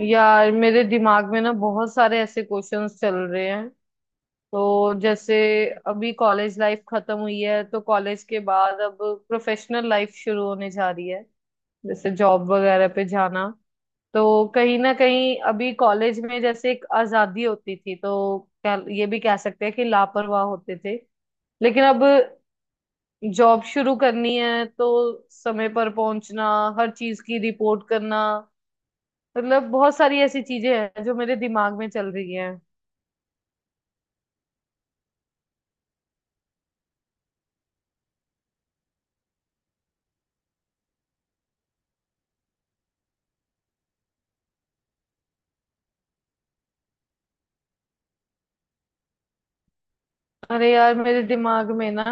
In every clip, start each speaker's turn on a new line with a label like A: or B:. A: यार, मेरे दिमाग में ना बहुत सारे ऐसे क्वेश्चंस चल रहे हैं। तो जैसे अभी कॉलेज लाइफ खत्म हुई है तो कॉलेज के बाद अब प्रोफेशनल लाइफ शुरू होने जा रही है, जैसे जॉब वगैरह पे जाना। तो कहीं ना कहीं अभी कॉलेज में जैसे एक आजादी होती थी, तो क्या ये भी कह सकते हैं कि लापरवाह होते थे। लेकिन अब जॉब शुरू करनी है तो समय पर पहुंचना, हर चीज की रिपोर्ट करना, मतलब बहुत सारी ऐसी चीजें हैं जो मेरे दिमाग में चल रही हैं। अरे यार, मेरे दिमाग में ना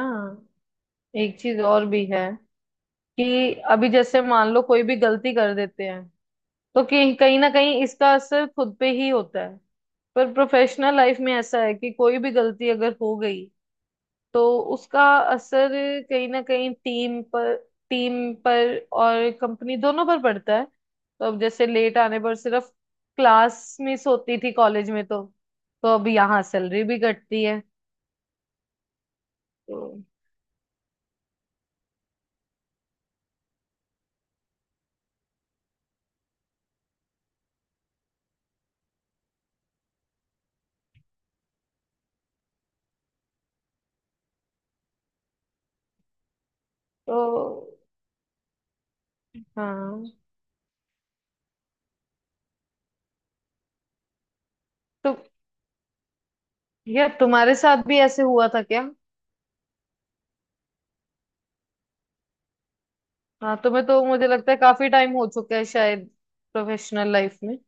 A: एक चीज और भी है कि अभी जैसे मान लो कोई भी गलती कर देते हैं तो कहीं कहीं ना कहीं इसका असर खुद पे ही होता है। पर प्रोफेशनल लाइफ में ऐसा है कि कोई भी गलती अगर हो गई तो उसका असर कहीं ना कहीं टीम पर और कंपनी दोनों पर पड़ता है। तो अब जैसे लेट आने पर सिर्फ क्लास मिस होती थी कॉलेज में, तो अब यहाँ सैलरी भी घटती है। तो तो हाँ। तो यार, तुम्हारे साथ भी ऐसे हुआ था क्या? हाँ, तुम्हें तो मुझे लगता है काफी टाइम हो चुका है शायद, प्रोफेशनल लाइफ में।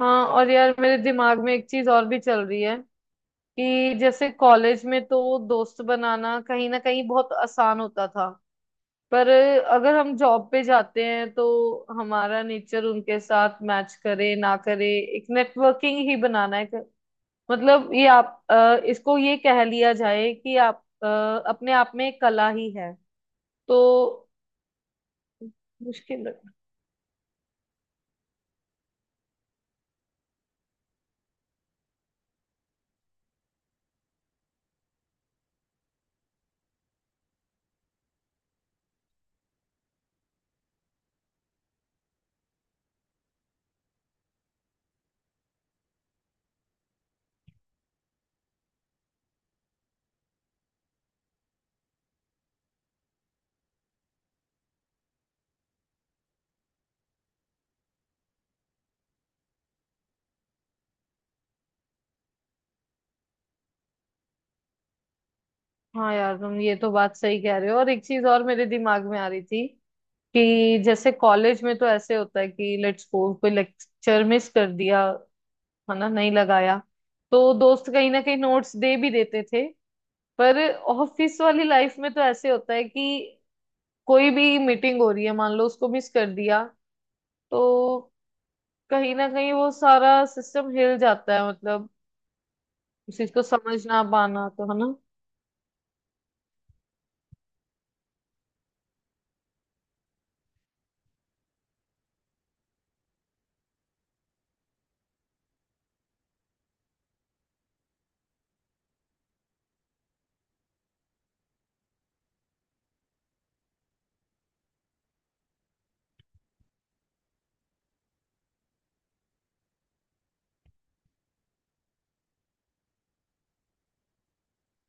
A: हाँ, और यार, मेरे दिमाग में एक चीज और भी चल रही है कि जैसे कॉलेज में तो दोस्त बनाना कहीं ना कहीं बहुत आसान होता था। पर अगर हम जॉब पे जाते हैं तो हमारा नेचर उनके साथ मैच करे ना करे, एक नेटवर्किंग ही बनाना है। मतलब ये आप इसको ये कह लिया जाए कि आप अपने आप में एक कला ही है, तो मुश्किल है। हाँ यार, तुम ये तो बात सही कह रहे हो। और एक चीज और मेरे दिमाग में आ रही थी कि जैसे कॉलेज में तो ऐसे होता है कि लेट्स सपोज कोई लेक्चर मिस कर दिया, है ना, नहीं लगाया, तो दोस्त कहीं ना कहीं नोट्स दे भी देते थे। पर ऑफिस वाली लाइफ में तो ऐसे होता है कि कोई भी मीटिंग हो रही है, मान लो उसको मिस कर दिया, तो कहीं ना कहीं वो सारा सिस्टम हिल जाता है। मतलब उस चीज को समझ ना पाना, तो है ना।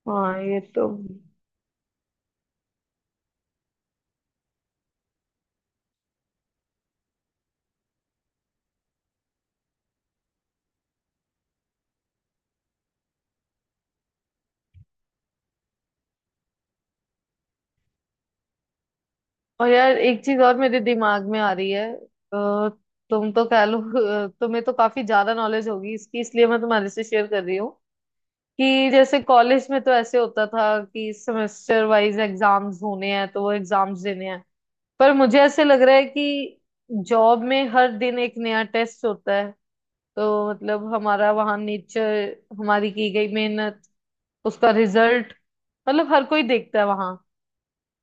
A: हाँ ये तो। और यार, एक चीज और मेरे दिमाग में आ रही है। तुम तो कह लो, तुम्हें तो काफी ज्यादा नॉलेज होगी इसकी, इसलिए मैं तुम्हारे से शेयर कर रही हूँ कि जैसे कॉलेज में तो ऐसे होता था कि सेमेस्टर वाइज एग्जाम्स होने हैं तो वो एग्जाम्स देने हैं। पर मुझे ऐसे लग रहा है कि जॉब में हर दिन एक नया टेस्ट होता है। तो मतलब हमारा वहाँ नेचर, हमारी की गई मेहनत, उसका रिजल्ट, मतलब हर कोई देखता है वहाँ।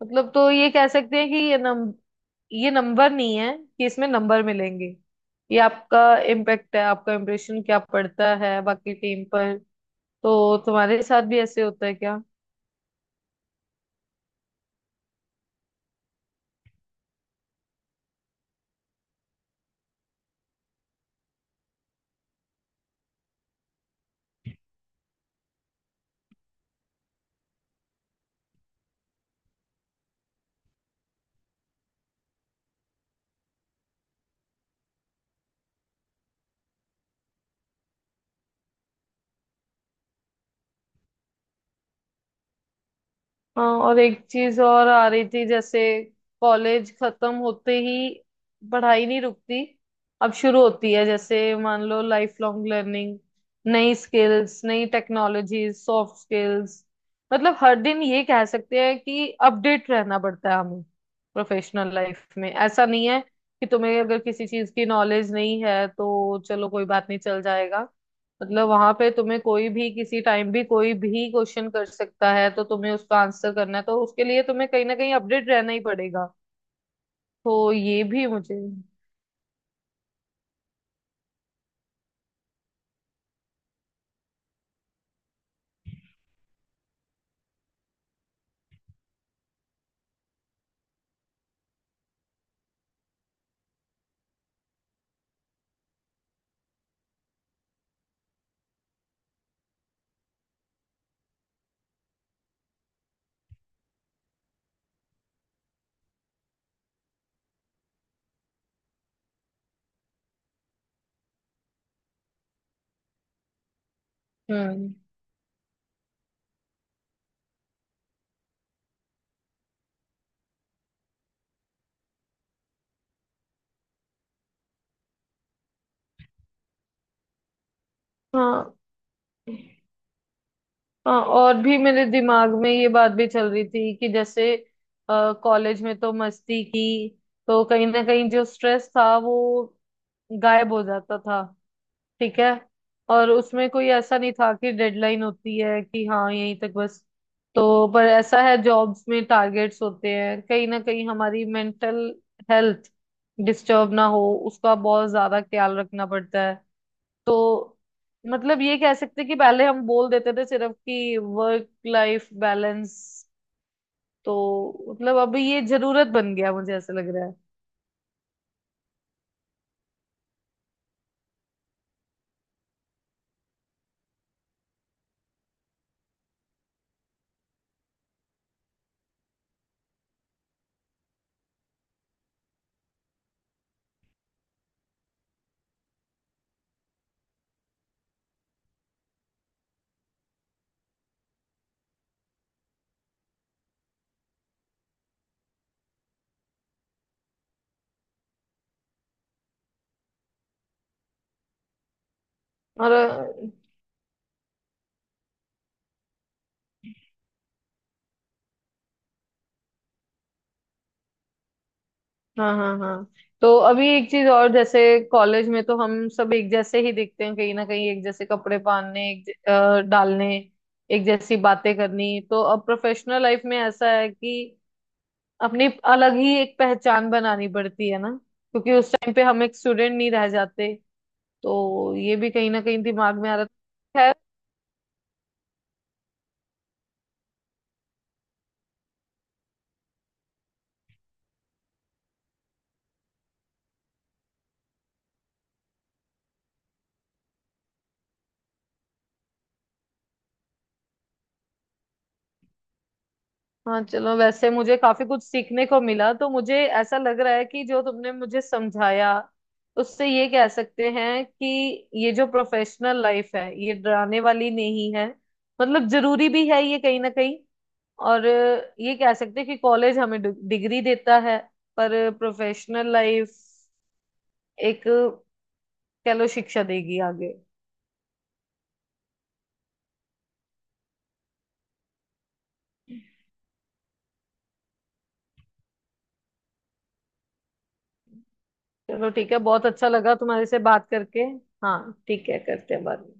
A: मतलब तो ये कह सकते हैं कि ये नंबर नहीं है कि इसमें नंबर मिलेंगे। ये आपका इम्पैक्ट है, आपका इम्प्रेशन क्या पड़ता है बाकी टीम पर। तो तुम्हारे साथ भी ऐसे होता है क्या? हाँ, और एक चीज और आ रही थी। जैसे कॉलेज खत्म होते ही पढ़ाई नहीं रुकती, अब शुरू होती है जैसे, मान लो, लाइफ लॉन्ग लर्निंग, नई स्किल्स, नई टेक्नोलॉजीज, सॉफ्ट स्किल्स, मतलब हर दिन ये कह सकते हैं कि अपडेट रहना पड़ता है हमें। प्रोफेशनल लाइफ में ऐसा नहीं है कि तुम्हें अगर किसी चीज की नॉलेज नहीं है तो चलो कोई बात नहीं, चल जाएगा। मतलब वहां पे तुम्हें कोई भी किसी टाइम भी कोई भी क्वेश्चन कर सकता है, तो तुम्हें उसका आंसर करना है, तो उसके लिए तुम्हें कहीं ना कहीं अपडेट रहना ही पड़ेगा। तो ये भी मुझे। हम्म। हाँ, हाँ, और भी मेरे दिमाग में ये बात भी चल रही थी कि जैसे कॉलेज में तो मस्ती की, तो कहीं ना कहीं जो स्ट्रेस था वो गायब हो जाता था। ठीक है। और उसमें कोई ऐसा नहीं था कि डेडलाइन होती है कि हाँ यहीं तक बस। तो पर ऐसा है जॉब्स में टारगेट्स होते हैं, कहीं ना कहीं हमारी मेंटल हेल्थ डिस्टर्ब ना हो उसका बहुत ज्यादा ख्याल रखना पड़ता है। तो मतलब ये कह सकते हैं कि पहले हम बोल देते थे सिर्फ कि वर्क लाइफ बैलेंस, तो मतलब अब ये जरूरत बन गया, मुझे ऐसा लग रहा है। और। हाँ, हाँ, हाँ। तो अभी एक चीज और, जैसे कॉलेज में तो हम सब एक जैसे ही दिखते हैं, कहीं ना कहीं एक जैसे कपड़े पहनने, डालने, एक जैसी बातें करनी। तो अब प्रोफेशनल लाइफ में ऐसा है कि अपनी अलग ही एक पहचान बनानी पड़ती है ना। क्योंकि उस टाइम पे हम एक स्टूडेंट नहीं रह जाते, तो ये भी कहीं ना कहीं दिमाग में आ रहा है। हाँ चलो, वैसे मुझे काफी कुछ सीखने को मिला, तो मुझे ऐसा लग रहा है कि जो तुमने मुझे समझाया, उससे ये कह सकते हैं कि ये जो प्रोफेशनल लाइफ है, ये डराने वाली नहीं है। मतलब जरूरी भी है ये कहीं ना कहीं। और ये कह सकते हैं कि कॉलेज हमें डिग्री देता है, पर प्रोफेशनल लाइफ एक, कह लो, शिक्षा देगी आगे। चलो ठीक है, बहुत अच्छा लगा तुम्हारे से बात करके। हाँ ठीक है, करते हैं बाद में।